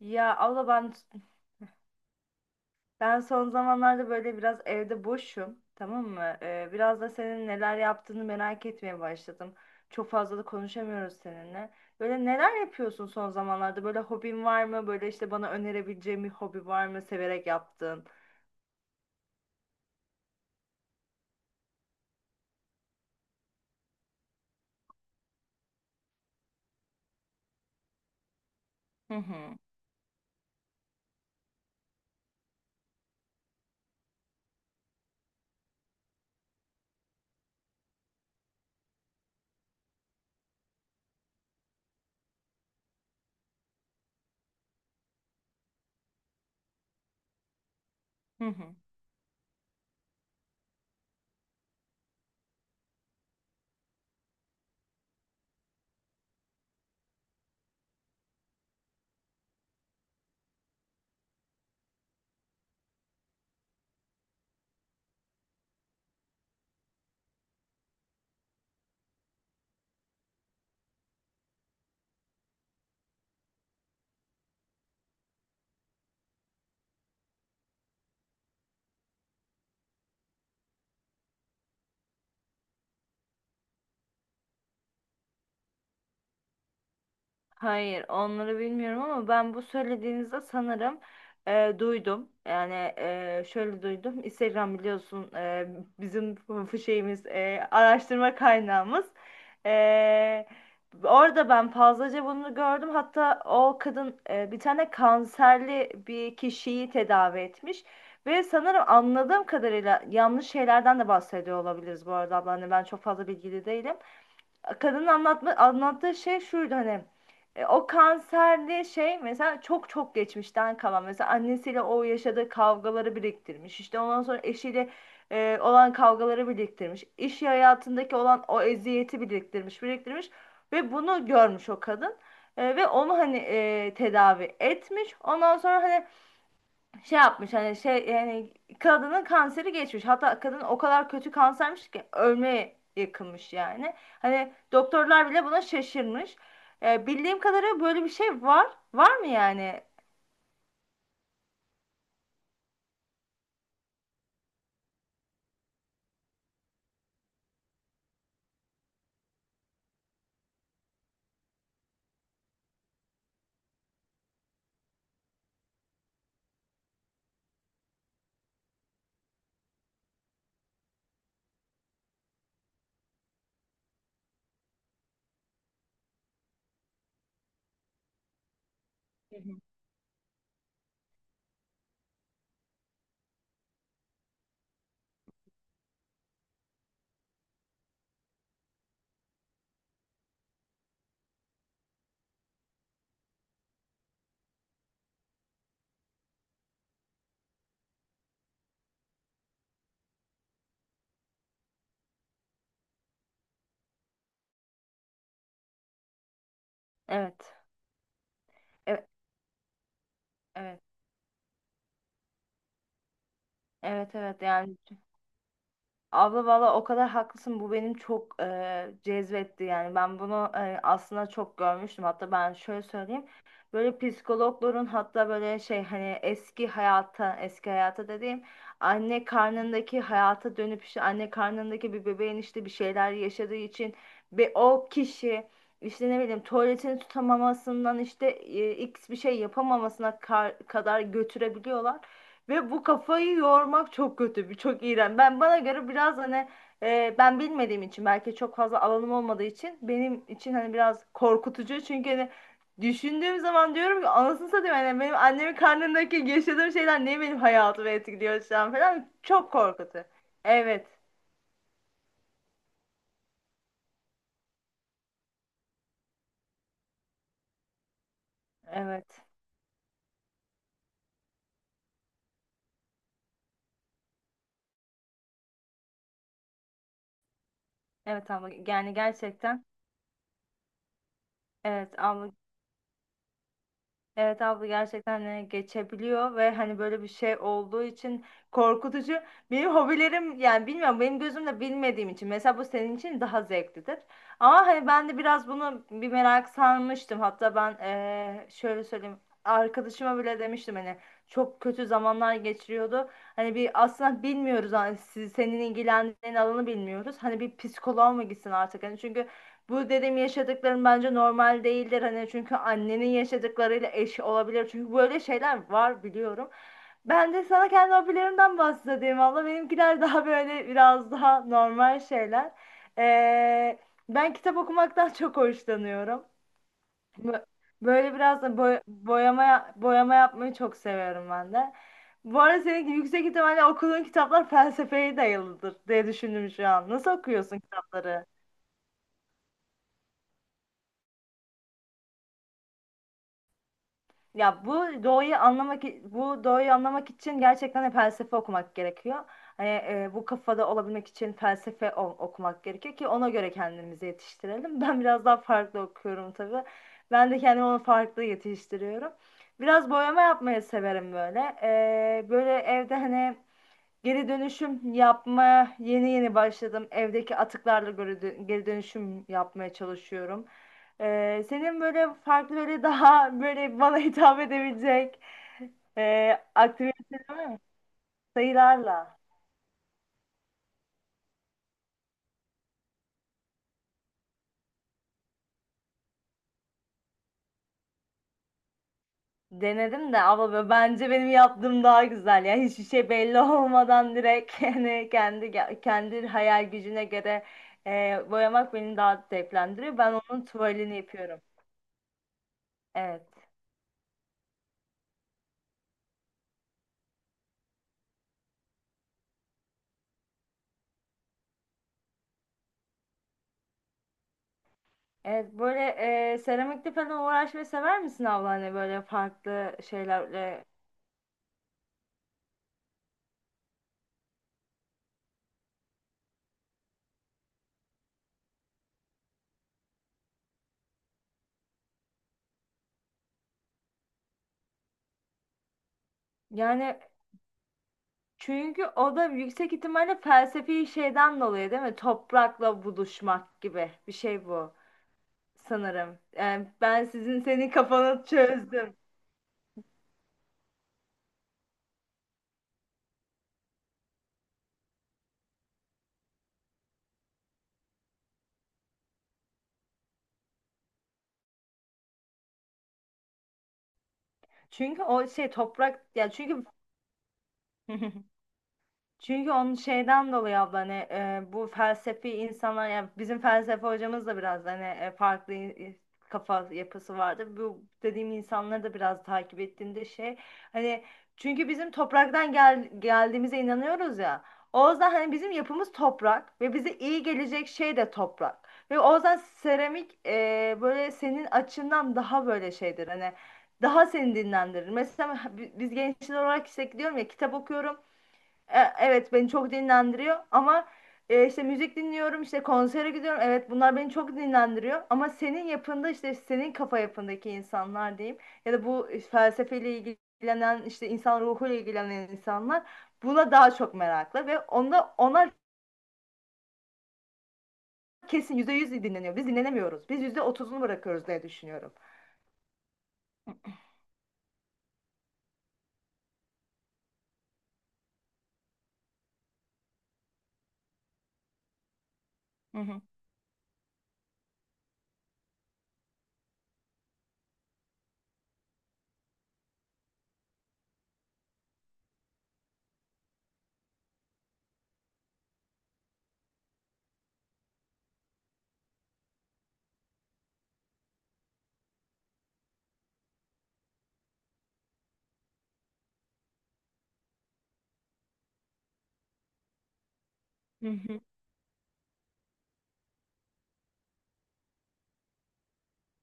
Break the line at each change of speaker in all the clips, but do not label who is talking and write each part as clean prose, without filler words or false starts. Ya abla ben son zamanlarda böyle biraz evde boşum, tamam mı? Biraz da senin neler yaptığını merak etmeye başladım. Çok fazla da konuşamıyoruz seninle. Böyle neler yapıyorsun son zamanlarda? Böyle hobin var mı? Böyle işte bana önerebileceğin bir hobi var mı? Severek yaptığın. Hı hı. Hı hı. Hayır, onları bilmiyorum ama ben bu söylediğinizde sanırım duydum. Yani şöyle duydum. Instagram biliyorsun, bizim şeyimiz, araştırma kaynağımız. E, Orada ben fazlaca bunu gördüm. Hatta o kadın bir tane kanserli bir kişiyi tedavi etmiş. Ve sanırım anladığım kadarıyla yanlış şeylerden de bahsediyor olabiliriz bu arada abla. Hani ben çok fazla bilgili değilim, kadının anlattığı şey şuydu hani, o kanserli şey mesela çok çok geçmişten kalan mesela annesiyle o yaşadığı kavgaları biriktirmiş, işte ondan sonra eşiyle olan kavgaları biriktirmiş, iş hayatındaki olan o eziyeti biriktirmiş biriktirmiş ve bunu görmüş o kadın. Ve onu hani tedavi etmiş, ondan sonra hani şey yapmış, hani şey, yani kadının kanseri geçmiş. Hatta kadın o kadar kötü kansermiş ki ölmeye yakınmış yani. Hani doktorlar bile buna şaşırmış. Bildiğim kadarıyla böyle bir şey var. Var mı yani? Hı hı. Evet. Evet. Evet. Evet, evet, yani abla valla o kadar haklısın, bu benim çok cezbetti. Yani ben bunu aslında çok görmüştüm. Hatta ben şöyle söyleyeyim, böyle psikologların, hatta böyle şey, hani eski hayata, eski hayata dediğim anne karnındaki hayata dönüp, işte anne karnındaki bir bebeğin işte bir şeyler yaşadığı için ve o kişi işte ne bileyim tuvaletini tutamamasından, işte x bir şey yapamamasına kadar götürebiliyorlar. Ve bu kafayı yormak çok kötü, bir çok iğrenç. Ben bana göre biraz hani, ben bilmediğim için, belki çok fazla alanım olmadığı için benim için hani biraz korkutucu. Çünkü hani düşündüğüm zaman diyorum ki anasını satayım, hani benim annemin karnındaki yaşadığım şeyler niye benim hayatımı etkiliyor şu an falan. Çok korkutucu. Evet, evet. Evet abla yani gerçekten evet abla, evet abla gerçekten geçebiliyor ve hani böyle bir şey olduğu için korkutucu. Benim hobilerim yani bilmiyorum, benim gözümle bilmediğim için mesela bu senin için daha zevklidir. Ama hani ben de biraz bunu bir merak sarmıştım. Hatta ben şöyle söyleyeyim, arkadaşıma bile demiştim hani çok kötü zamanlar geçiriyordu. Hani bir aslında bilmiyoruz hani senin ilgilendiğin alanı bilmiyoruz. Hani bir psikoloğa mı gitsin artık hani, çünkü bu dedim yaşadıklarım bence normal değildir, hani çünkü annenin yaşadıklarıyla eş olabilir çünkü böyle şeyler var biliyorum. Ben de sana kendi hobilerimden bahsedeyim, valla benimkiler daha böyle biraz daha normal şeyler. Ee, Ben kitap okumaktan çok hoşlanıyorum. Bö- Böyle biraz da boyama yapmayı çok seviyorum ben de. Bu arada senin yüksek ihtimalle okuduğun kitaplar felsefeye dayalıdır diye düşündüm şu an. Nasıl okuyorsun kitapları? Ya bu doğayı anlamak, bu doğayı anlamak için gerçekten de felsefe okumak gerekiyor. Hani bu kafada olabilmek için felsefe okumak gerekiyor ki ona göre kendimizi yetiştirelim. Ben biraz daha farklı okuyorum tabii. Ben de kendimi onu farklı yetiştiriyorum. Biraz boyama yapmayı severim böyle. Böyle evde hani geri dönüşüm yapmaya yeni yeni başladım. Evdeki atıklarla geri dönüşüm yapmaya çalışıyorum. Senin böyle farklı böyle daha böyle bana hitap edebilecek aktivite sayılarla denedim de, ama böyle bence benim yaptığım daha güzel. Yani hiçbir şey belli olmadan direkt yani kendi kendi hayal gücüne göre boyamak beni daha zevklendiriyor. Ben onun tuvalini yapıyorum. Evet. Evet böyle seramikle falan uğraşmayı sever misin abla, hani böyle farklı şeylerle? Yani çünkü o da yüksek ihtimalle felsefi şeyden dolayı değil mi? Toprakla buluşmak gibi bir şey bu sanırım. Yani ben senin kafanı çözdüm. Çünkü o şey toprak ya, çünkü çünkü onun şeyden dolayı abla, hani bu felsefi insanlar, yani bizim felsefe hocamız da biraz hani farklı kafa yapısı vardı. Bu dediğim insanları da biraz takip ettiğimde şey hani, çünkü bizim topraktan geldiğimize inanıyoruz ya. O yüzden hani bizim yapımız toprak ve bize iyi gelecek şey de toprak. Ve o yüzden seramik böyle senin açından daha böyle şeydir hani, daha seni dinlendirir. Mesela biz gençler olarak işte diyorum ya, kitap okuyorum. Evet beni çok dinlendiriyor ama işte müzik dinliyorum, işte konsere gidiyorum, evet bunlar beni çok dinlendiriyor. Ama senin yapında, işte senin kafa yapındaki insanlar diyeyim, ya da bu felsefeyle ilgilenen, işte insan ruhuyla ilgilenen insanlar buna daha çok meraklı ve onda onlar kesin %100 dinleniyor, biz dinlenemiyoruz, biz %30'unu bırakıyoruz diye düşünüyorum. Hı hı.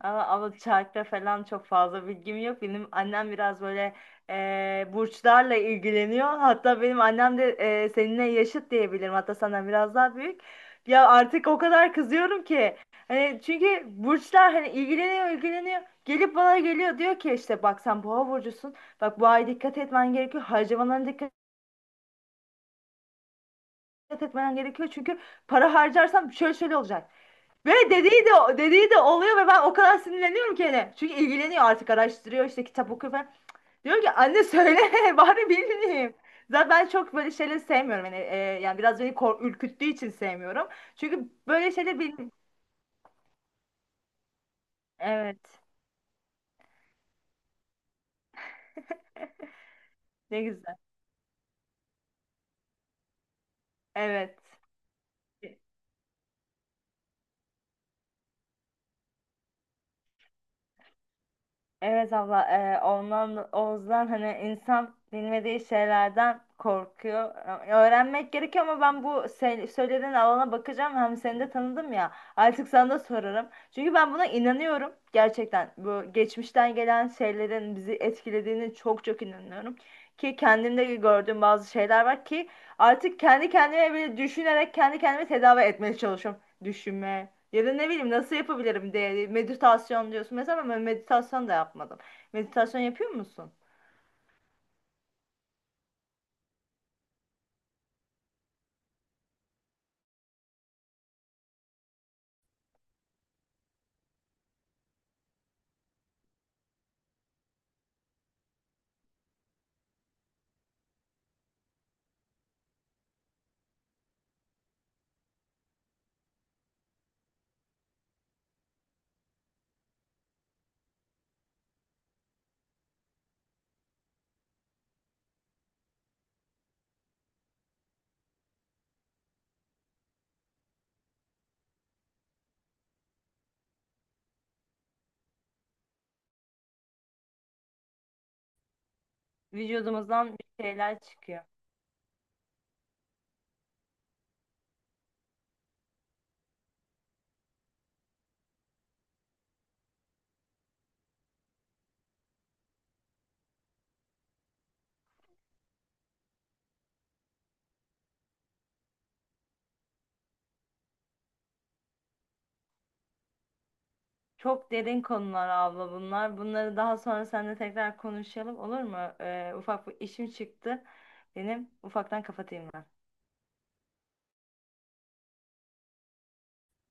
Ama, ama çarkta falan çok fazla bilgim yok. Benim annem biraz böyle burçlarla ilgileniyor. Hatta benim annem de seninle yaşıt diyebilirim. Hatta senden biraz daha büyük. Ya artık o kadar kızıyorum ki. Hani çünkü burçlar hani ilgileniyor ilgileniyor. Gelip bana geliyor diyor ki işte bak sen boğa burcusun. Bak bu ay dikkat etmen gerekiyor. Harcamalarına dikkat etmen gerekiyor. Çünkü para harcarsan şöyle şöyle olacak. Ve dediği de oluyor ve ben o kadar sinirleniyorum ki hele. Çünkü ilgileniyor artık, araştırıyor, işte kitap okuyor falan. Diyorum ki anne söyle bari bileyim. Zaten ben çok böyle şeyleri sevmiyorum. Yani biraz beni ürküttüğü için sevmiyorum. Çünkü böyle şeyleri bil... Evet. Ne güzel. Evet. Evet abla, ondan Oğuz'dan hani insan bilmediği şeylerden korkuyor. Öğrenmek gerekiyor ama ben bu söylediğin alana bakacağım. Hem seni de tanıdım ya, artık sana da sorarım. Çünkü ben buna inanıyorum gerçekten. Bu geçmişten gelen şeylerin bizi etkilediğini çok çok inanıyorum. Ki kendimde gördüğüm bazı şeyler var ki artık kendi kendime bile düşünerek kendi kendimi tedavi etmeye çalışıyorum. Düşünme, ya da ne bileyim nasıl yapabilirim diye, meditasyon diyorsun mesela, ama ben meditasyon da yapmadım. Meditasyon yapıyor musun? Vücudumuzdan bir şeyler çıkıyor. Çok derin konular abla bunlar. Bunları daha sonra seninle tekrar konuşalım, olur mu? Ufak bir işim çıktı. Benim ufaktan kapatayım ben.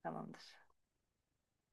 Tamamdır.